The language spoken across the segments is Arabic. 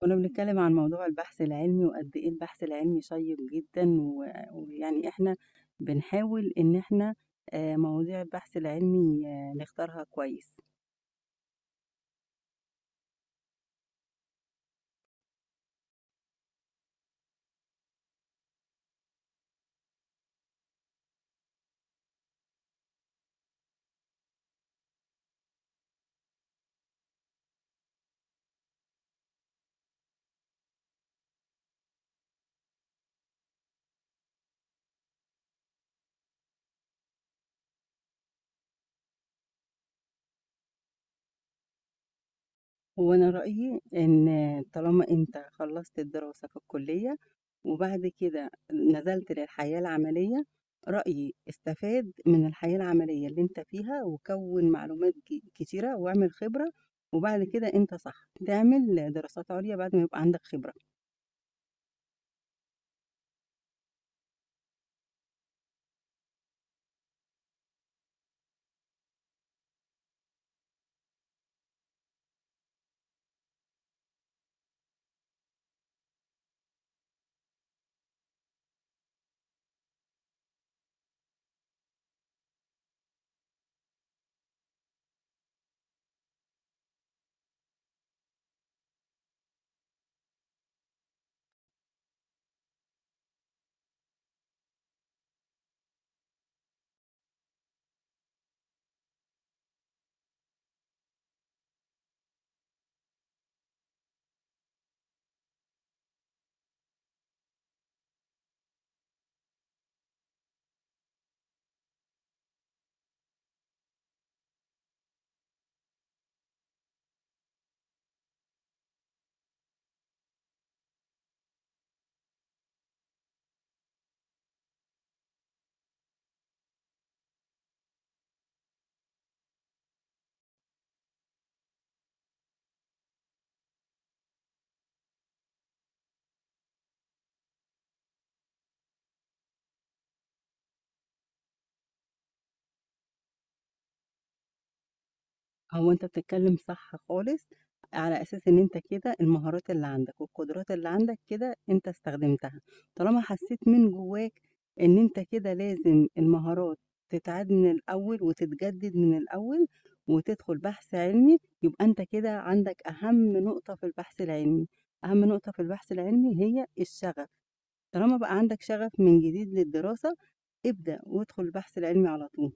كنا بنتكلم عن موضوع البحث العلمي، وقد إيه البحث العلمي شيّق جدًا، ويعني إحنا بنحاول إن إحنا مواضيع البحث العلمي نختارها كويس. وأنا رأيي إن طالما أنت خلّصت الدراسة في الكلية، وبعد كده نزلت للحياة العملية، رأيي استفاد من الحياة العملية اللي أنت فيها، وكوّن معلومات كتيرة واعمل خبرة، وبعد كده أنت صح تعمل دراسات عُليا بعد ما يبقى عندك خبرة. هو أنت بتتكلم صح خالص، على أساس إن أنت كده المهارات اللي عندك والقدرات اللي عندك كده أنت استخدمتها، طالما حسيت من جواك إن أنت كده لازم المهارات تتعاد من الأول وتتجدد من الأول، وتدخل بحث علمي، يبقى أنت كده عندك أهم نقطة في البحث العلمي، أهم نقطة في البحث العلمي هي الشغف، طالما بقى عندك شغف من جديد للدراسة، ابدأ وادخل البحث العلمي على طول.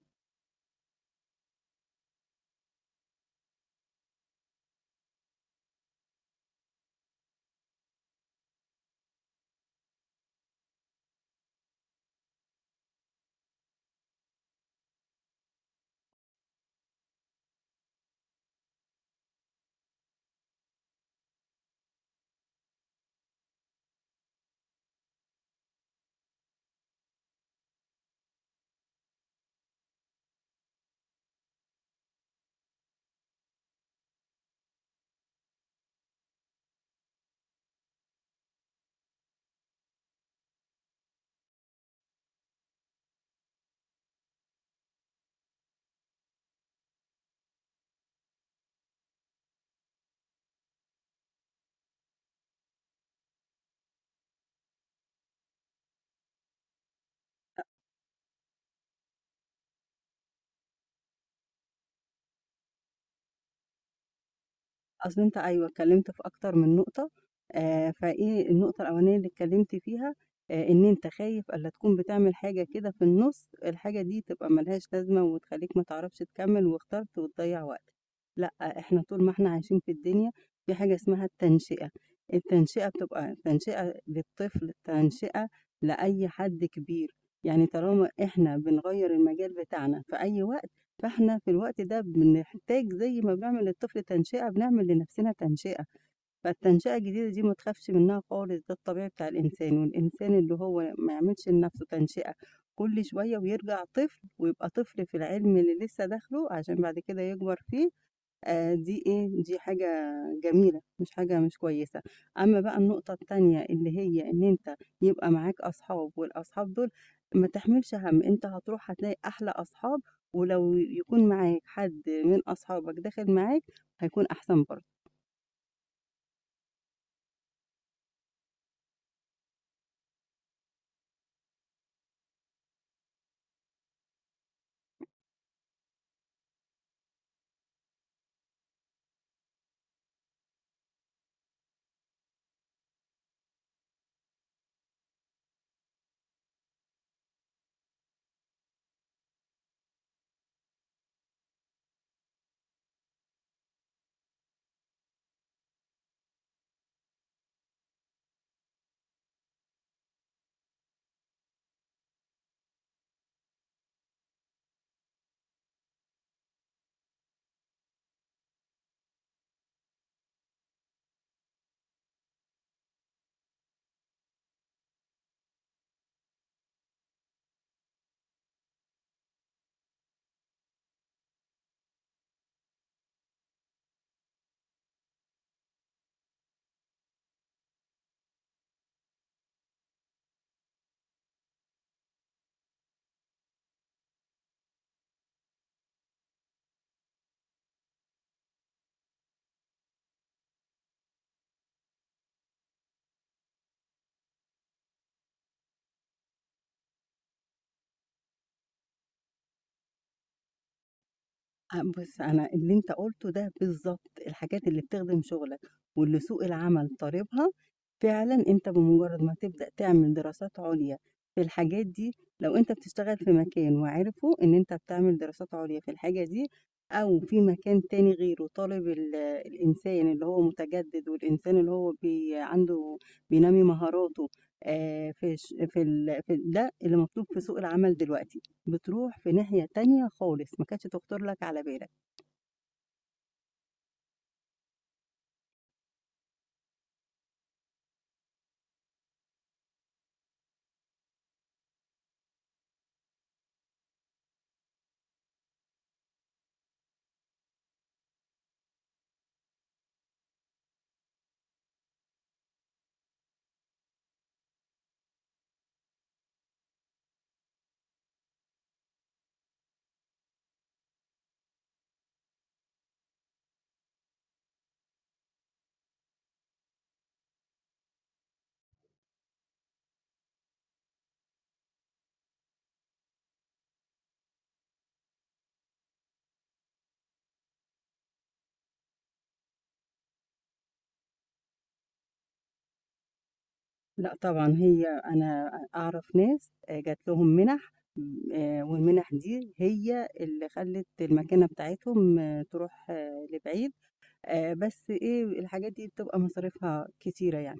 أصل أنت أيوه، اتكلّمت في أكتر من نقطة. فإيه النقطة الأولانية اللي اتكلّمت فيها، إن أنت خايف ألّا تكون بتعمل حاجة كده في النُص، الحاجة دي تبقى ما لهاش لازمة وتخلّيك ما تعرفش تكمّل واخترت وتضيّع وقتك. لأ، إحنا طول ما إحنا عايشين في الدنيا في حاجة اسمها التنشئة، التنشئة بتبقى تنشئة للطفل، تنشئة لأي حد كبير، يعني طالما إحنا بنغيّر المجال بتاعنا في أي وقت فإحنا في الوقت ده بنحتاج زي ما بنعمل للطفل تنشئة، بنعمل لنَفْسنا تنشئة، فالتنشئة الجديدة دي ما تخافش منها خالص، ده الطبيعي بتاع الإنسان، والإنسان اللي هو ما يعملش لنَفْسه تنشئة كل شوية ويرجع طفل ويبقى طفل في العلم اللي لسه داخله عشان بعد كده يكبر فيه. دي إيه، دي حاجة جميلة، مش حاجة مش كويسة. أمّا بقى النقطة التانية اللي هي إن أنت يبقى معاك أصحاب والأصحاب دول ما تحملش هَم، أنت هتروح هتلاقي أحلى أصحاب، ولو يكون معاك حد من أصحابك داخل معاك هيكون أحسن برضه. أ بُص، أنا اللي أنت قُلته ده بالضبط، الحاجات اللي بتخدم شُغلك واللي سوق العمل طالبها، فعلًا أنت بمجرّد ما تبدأ تعمل دراسات عُليا في الحاجات دي، لو أنت بتشتغل في مكان وعرفوا إن أنت بتعمل دراسات عليا في الحاجة دي أو في مكان تاني غيره طالب الإنسان اللي هو متجدد والإنسان اللي هو بي عنده بينمّي مهاراته في ده اللي مطلوب في سوق العمل دلوقتي. بتروح في ناحية تانية خالص، ما كانتش تخطر لك على بالك. لأ طبعًا هي أنا أعرف ناس جات لهم مِنَح، والمِنَح دي هي اللي خلّت المكانة بتاعتهم تروح لبعيد. بس إيه، الحاجات دي بتبقى مصاريفها كتيرة يعني.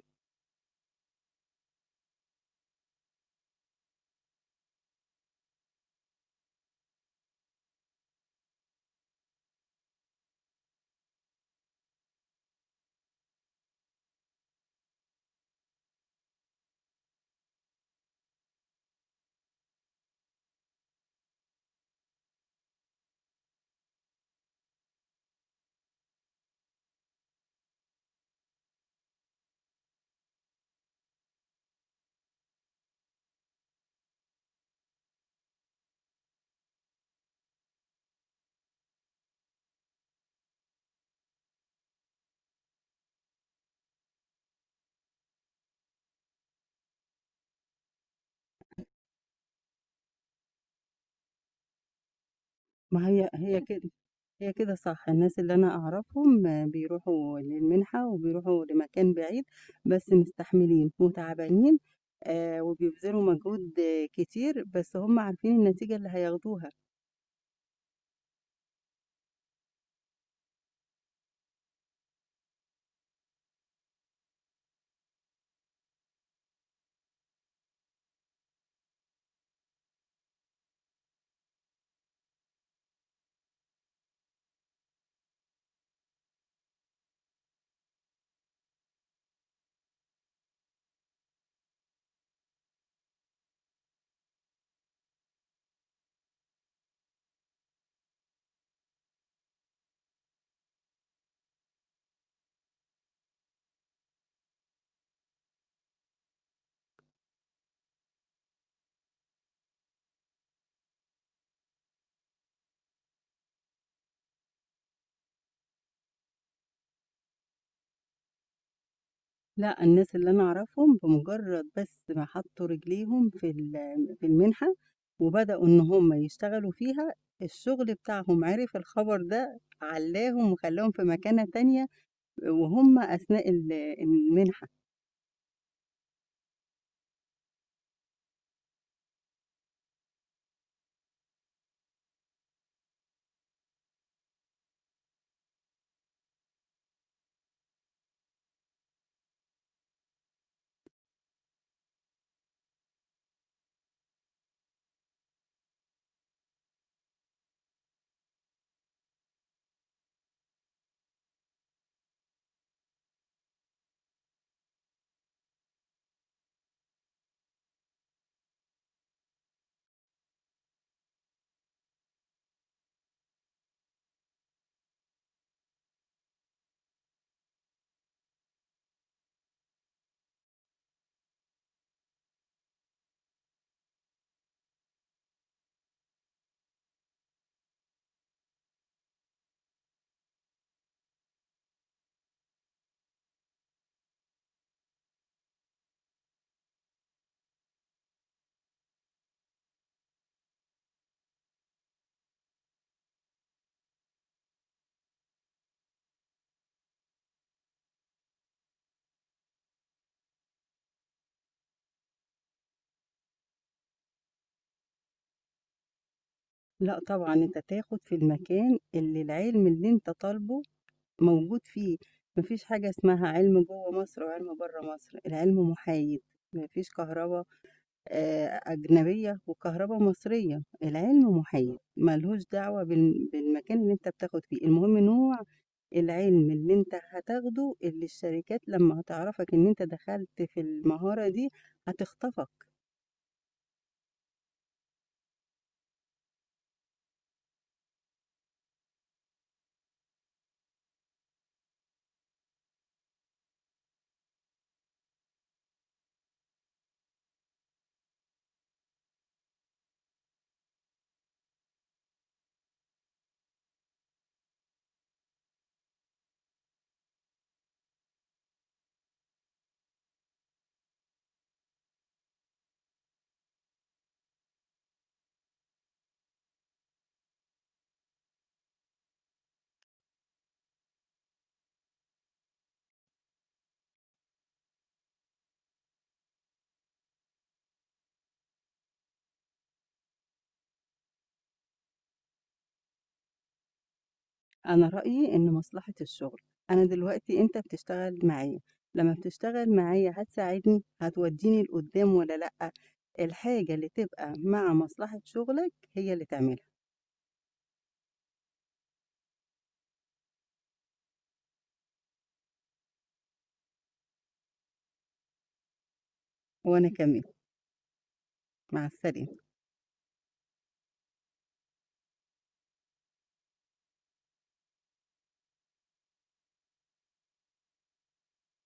ما هي هي كده. هي كده صح، الناس اللي أنا أعرفهم بيروحوا للمنحة وبيروحوا لمكان بعيد، بس مستحملين وتعبانين، وبيبذلوا مجهود كتير، بس هُم عارفين النتيجة اللي هياخدوها. لأ، الناس اللي أنا أعرفهم بمجرد بس ما حطوا رجليهم في في المنحة وبدأوا إن هُم يشتغلوا فيها، الشغل بتاعهم عرف الخبر ده، علاهم وخلاهم في مكانة تانية وهُم أثناء المنحة. لأ طبعًا، أنت تاخد في المكان اللي العلم اللي أنت طالبه موجود فيه، ما فيش حاجة اسمها علم جوّه مصر وعلم برّه مصر، العلم محايد، ما فيش كهربا أجنبية وكهربا مصرية، العلم محايد، ما لهوش دعوة بالمكان اللي أنت بتاخد فيه، المهم نوع العلم اللي أنت هتاخده اللي الشركات لمّا هتعرفك إن أنت دخلت في المهارة دي هتخطفك. أنا رأيي إن مصلحة الشغل، أنا دلوقتي أنت بتشتغل معايا، لمّا بتشتغل معايا هتساعدني، هتودّيني لقدّام والّا لأ؟ الحاجة اللي تبقى مع مصلحة شغلك هي اللي تعملها، وأنا كمان، مع السلامة.